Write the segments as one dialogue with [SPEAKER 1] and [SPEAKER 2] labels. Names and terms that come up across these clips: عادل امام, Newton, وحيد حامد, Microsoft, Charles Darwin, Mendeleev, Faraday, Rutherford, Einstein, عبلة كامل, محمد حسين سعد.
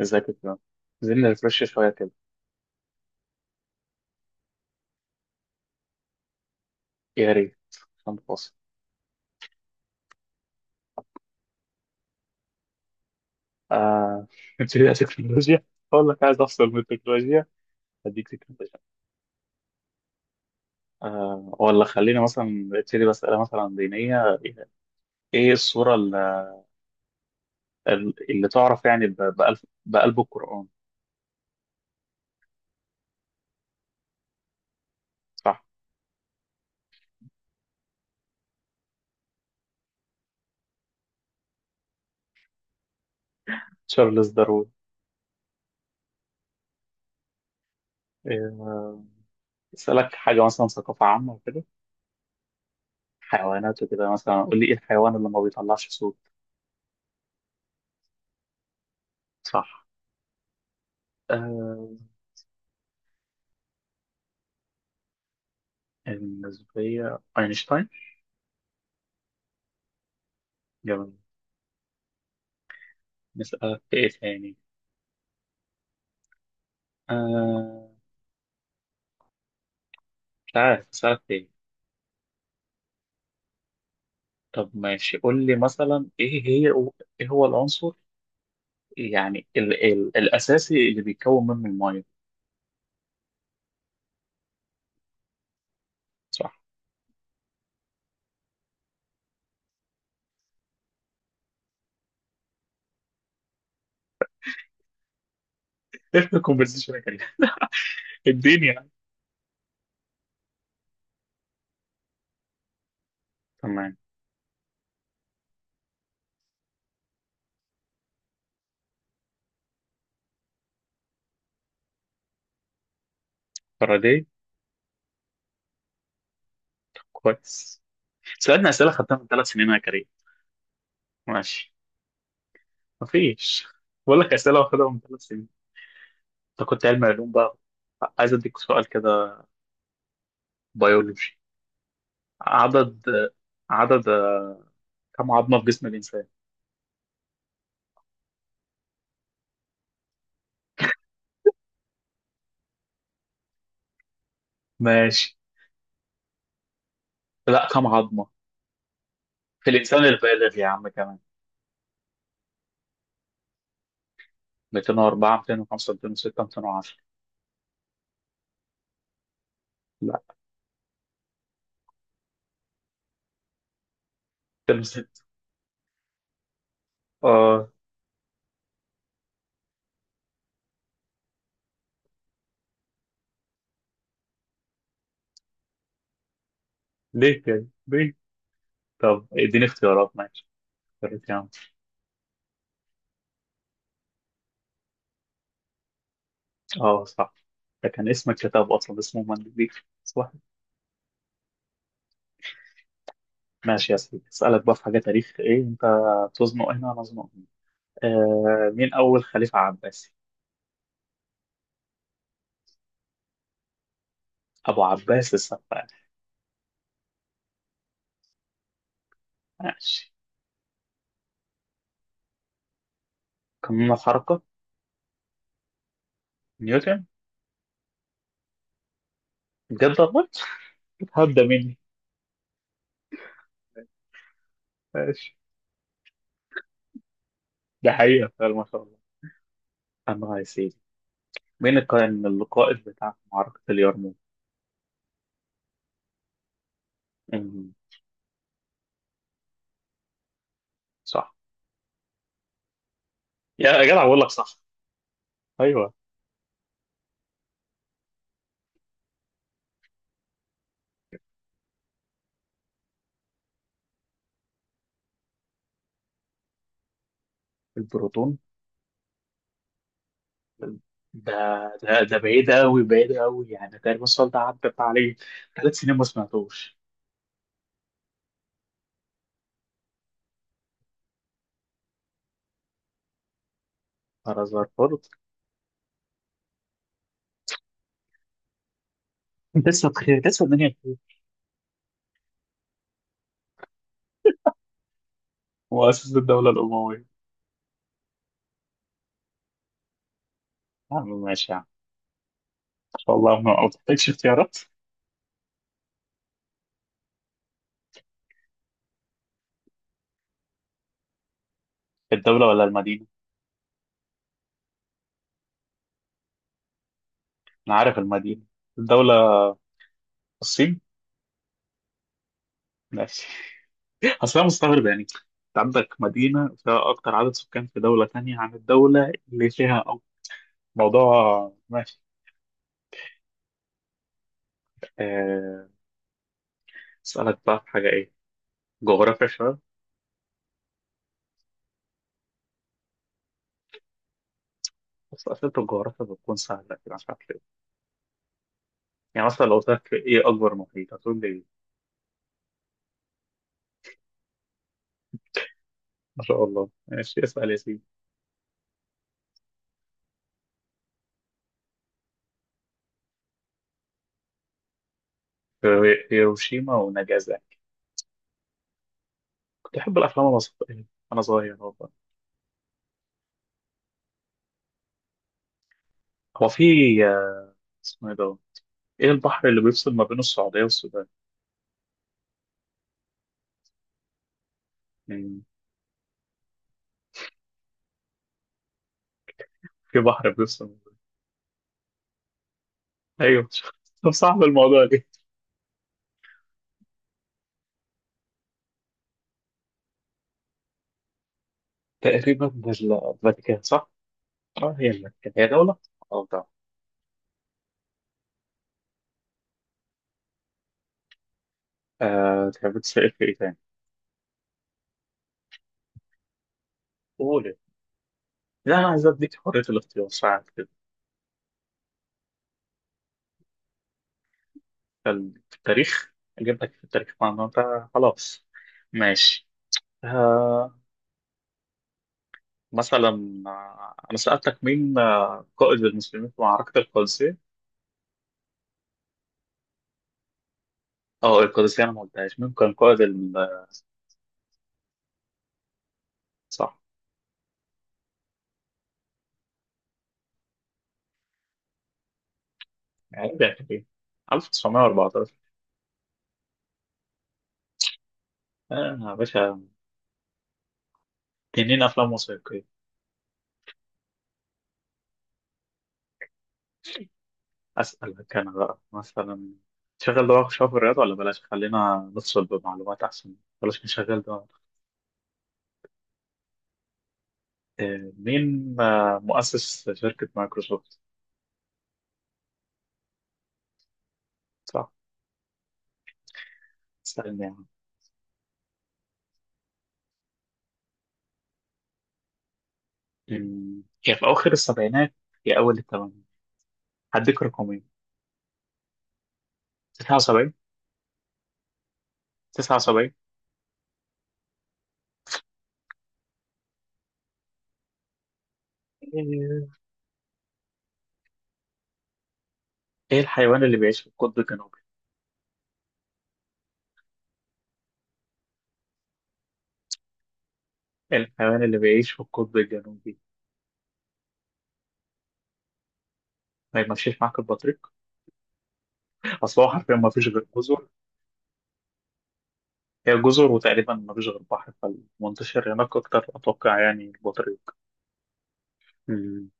[SPEAKER 1] ازيك يا فندم؟ عايزين نرفرش شوية كده. يا ريت، عشان فاصل. آه، نبتدي على التكنولوجيا. أقول لك عايز أفصل من التكنولوجيا. هديك تكنولوجيا. آه، ولا خلينا مثلا نبتدي بأسئلة مثلا دينية. إيه السورة اللي تعرف يعني بقلب، بقلب القرآن؟ صح. تشارلز داروين. آه، أسألك حاجة مثلا ثقافة عامة وكده، حيوانات وكده. مثلا قول لي إيه الحيوان اللي ما بيطلعش صوت؟ صح. آه، النسبية أينشتاين. جميل. نسألك في إيه تاني؟ آه، مش عارف أسألك في إيه. طب ماشي، قول لي مثلا إيه هي، إيه هو العنصر يعني ال ال الأساسي اللي بيتكون منه المية؟ صح. إيه الكونفرسيشن يا كريم؟ الدنيا يعني. تمام. فاراداي. كويس. سألنا أسئلة خدتها من 3 سنين يا كريم. ماشي. مفيش، بقول لك أسئلة واخدها من 3 سنين. أنت كنت علمي علوم بقى، عايز أديك سؤال كده بيولوجي. عدد، عدد كم عظمة في جسم الإنسان؟ ماشي. لا، كم عظمة في الإنسان البالغ يا عم كمان؟ 204، 205، 206، 210. لا، 206. آه. ليه كده؟ ليه؟ طب اديني اختيارات، ماشي، اختيارات يا عم. اه صح، ده كان اسم الكتاب أصلا اسمه مندليف، صح. ماشي يا سيدي. أسألك بقى في حاجة تاريخ، إيه أنت تزنق هنا؟ أنا أزنق هنا. آه، مين أول خليفة عباسي؟ أبو عباس السفاح. ماشي. قانون الحركة. نيوتن. بجد والله. هبدأ مني. ماشي. ده حقيقة فعلا ما شاء الله. أنا عايز، مين كان القائد بتاع معركة اليرموك؟ أمم، صح. يا جدع بقول لك صح. ايوه. البروتون. ده ده بعيد قوي، بعيد قوي يعني. تقريبا السؤال ده عدت عليه 3 سنين ما سمعتوش. فرزرفورد. لسه بخير، لسه الدنيا بخير. مؤسس الدولة الأموية. يا عم ماشي يا عم. إن شاء الله ما بتحتاجش اختيارات. الدولة ولا المدينة؟ أنا عارف المدينة. الدولة. الصين. ماشي. اصلا مستغرب يعني انت، عندك مدينه فيها اكتر عدد سكان في دوله تانية عن الدوله اللي فيها أكتر. موضوع ماشي. آه، اسالك بقى في حاجه ايه، جغرافيا شويه. بس اسئله الجغرافيا بتكون سهله كده، مش عارف ليه. يعني مثلا لو قلت لك ايه اكبر محيط هتقول لي ايه؟ ما شاء الله. ماشي، اسال يا سيدي. هيروشيما وناجازاكي. كنت احب الافلام المصريه وانا صغير والله. هو في، آه، اسمه ايه ده، ايه البحر اللي بيفصل ما بين السعوديه والسودان يعني؟ في بحر بيفصل. ايوه. طب صعب الموضوع ليه؟ تقريبا الفاتيكان، صح؟ اه، هي الفاتيكان هي دولة؟ اه طبعا. آه، تحب تسأل في ايه تاني؟ قول، لا انا عايز اديك حرية الاختيار ساعات كده. في التاريخ، اجيب لك في التاريخ معنى انت. خلاص، ماشي. آه، مثلا، انا سألتك مين، قائد المسلمين في معركة القادسية؟ اه القادسية، انا ما قلتهاش مين كان قائد صح يعني. 1914. اه يا باشا، تنين افلام وثائقية. أسألك أنا بقى مثلا، تشغل ده شوية في الرياضة ولا بلاش؟ خلينا نفصل بمعلومات أحسن، بلاش نشغل ده. آه، مين، مؤسس شركة مايكروسوفت؟ صح. استنى يعني. أمم، هي في أواخر السبعينات، هي أول الثمانينات. هديك رقمين. 79. 79. إيه. إيه الحيوان اللي بيعيش في القطب الجنوبي؟ إيه الحيوان اللي بيعيش في القطب الجنوبي. ما يمشيش معاك البطريق؟ أصل هو حرفيا ما فيش غير جزر. هي جزر، وتقريبا مفيش غير بحر، فالمنتشر هناك أكتر أتوقع يعني البطريق. مم.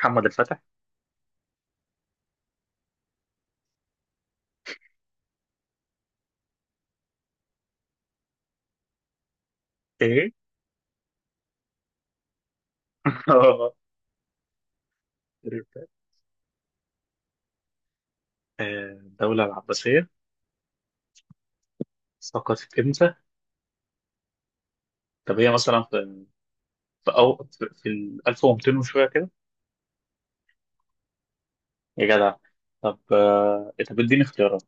[SPEAKER 1] محمد الفتح. إيه؟ آه، الدولة العباسية سقطت إمتى؟ طب هي مثلا في، في أو في في ال 1200 وشوية كده. يا جدع. طب آه، طب إديني اختيارات.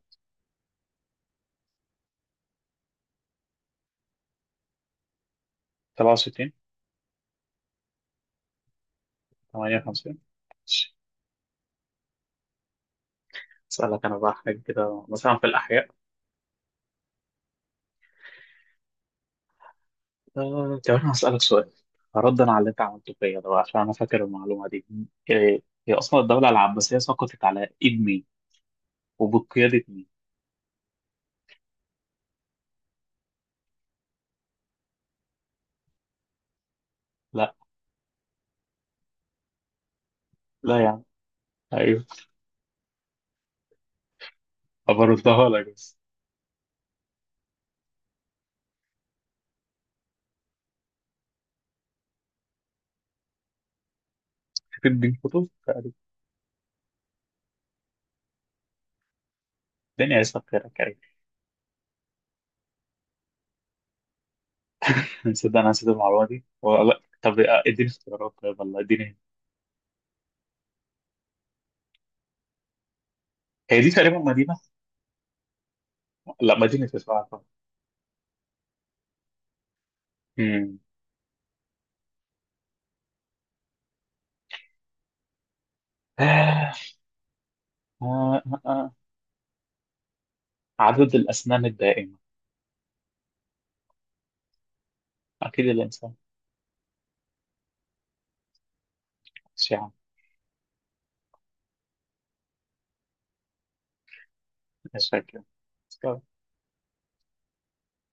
[SPEAKER 1] 67. 58. أسألك أنا بقى حاجة كده مثلا في الأحياء. آه، طب انا هسألك سؤال ردا على اللي انت عملته فيا ده بقى، عشان انا فاكر المعلومه دي. إيه، هي اصلا الدوله العباسيه سقطت على ايد مين وبقياده مين؟ لا. لا يعني، ايوه. بردها لك بس. تديني كتب؟ الدنيا هيسخرك يعني. نسيت، انا نسيت المعلومه دي. ولا طب آه، اديني اختيارات طيب والله، اديني. هي دي تقريبا مدينه. لا، مدينه اسمها طبعا. امم. آه. آه. عدد الاسنان الدائمه. اكيد الانسان. مش يعني، مش فاكر.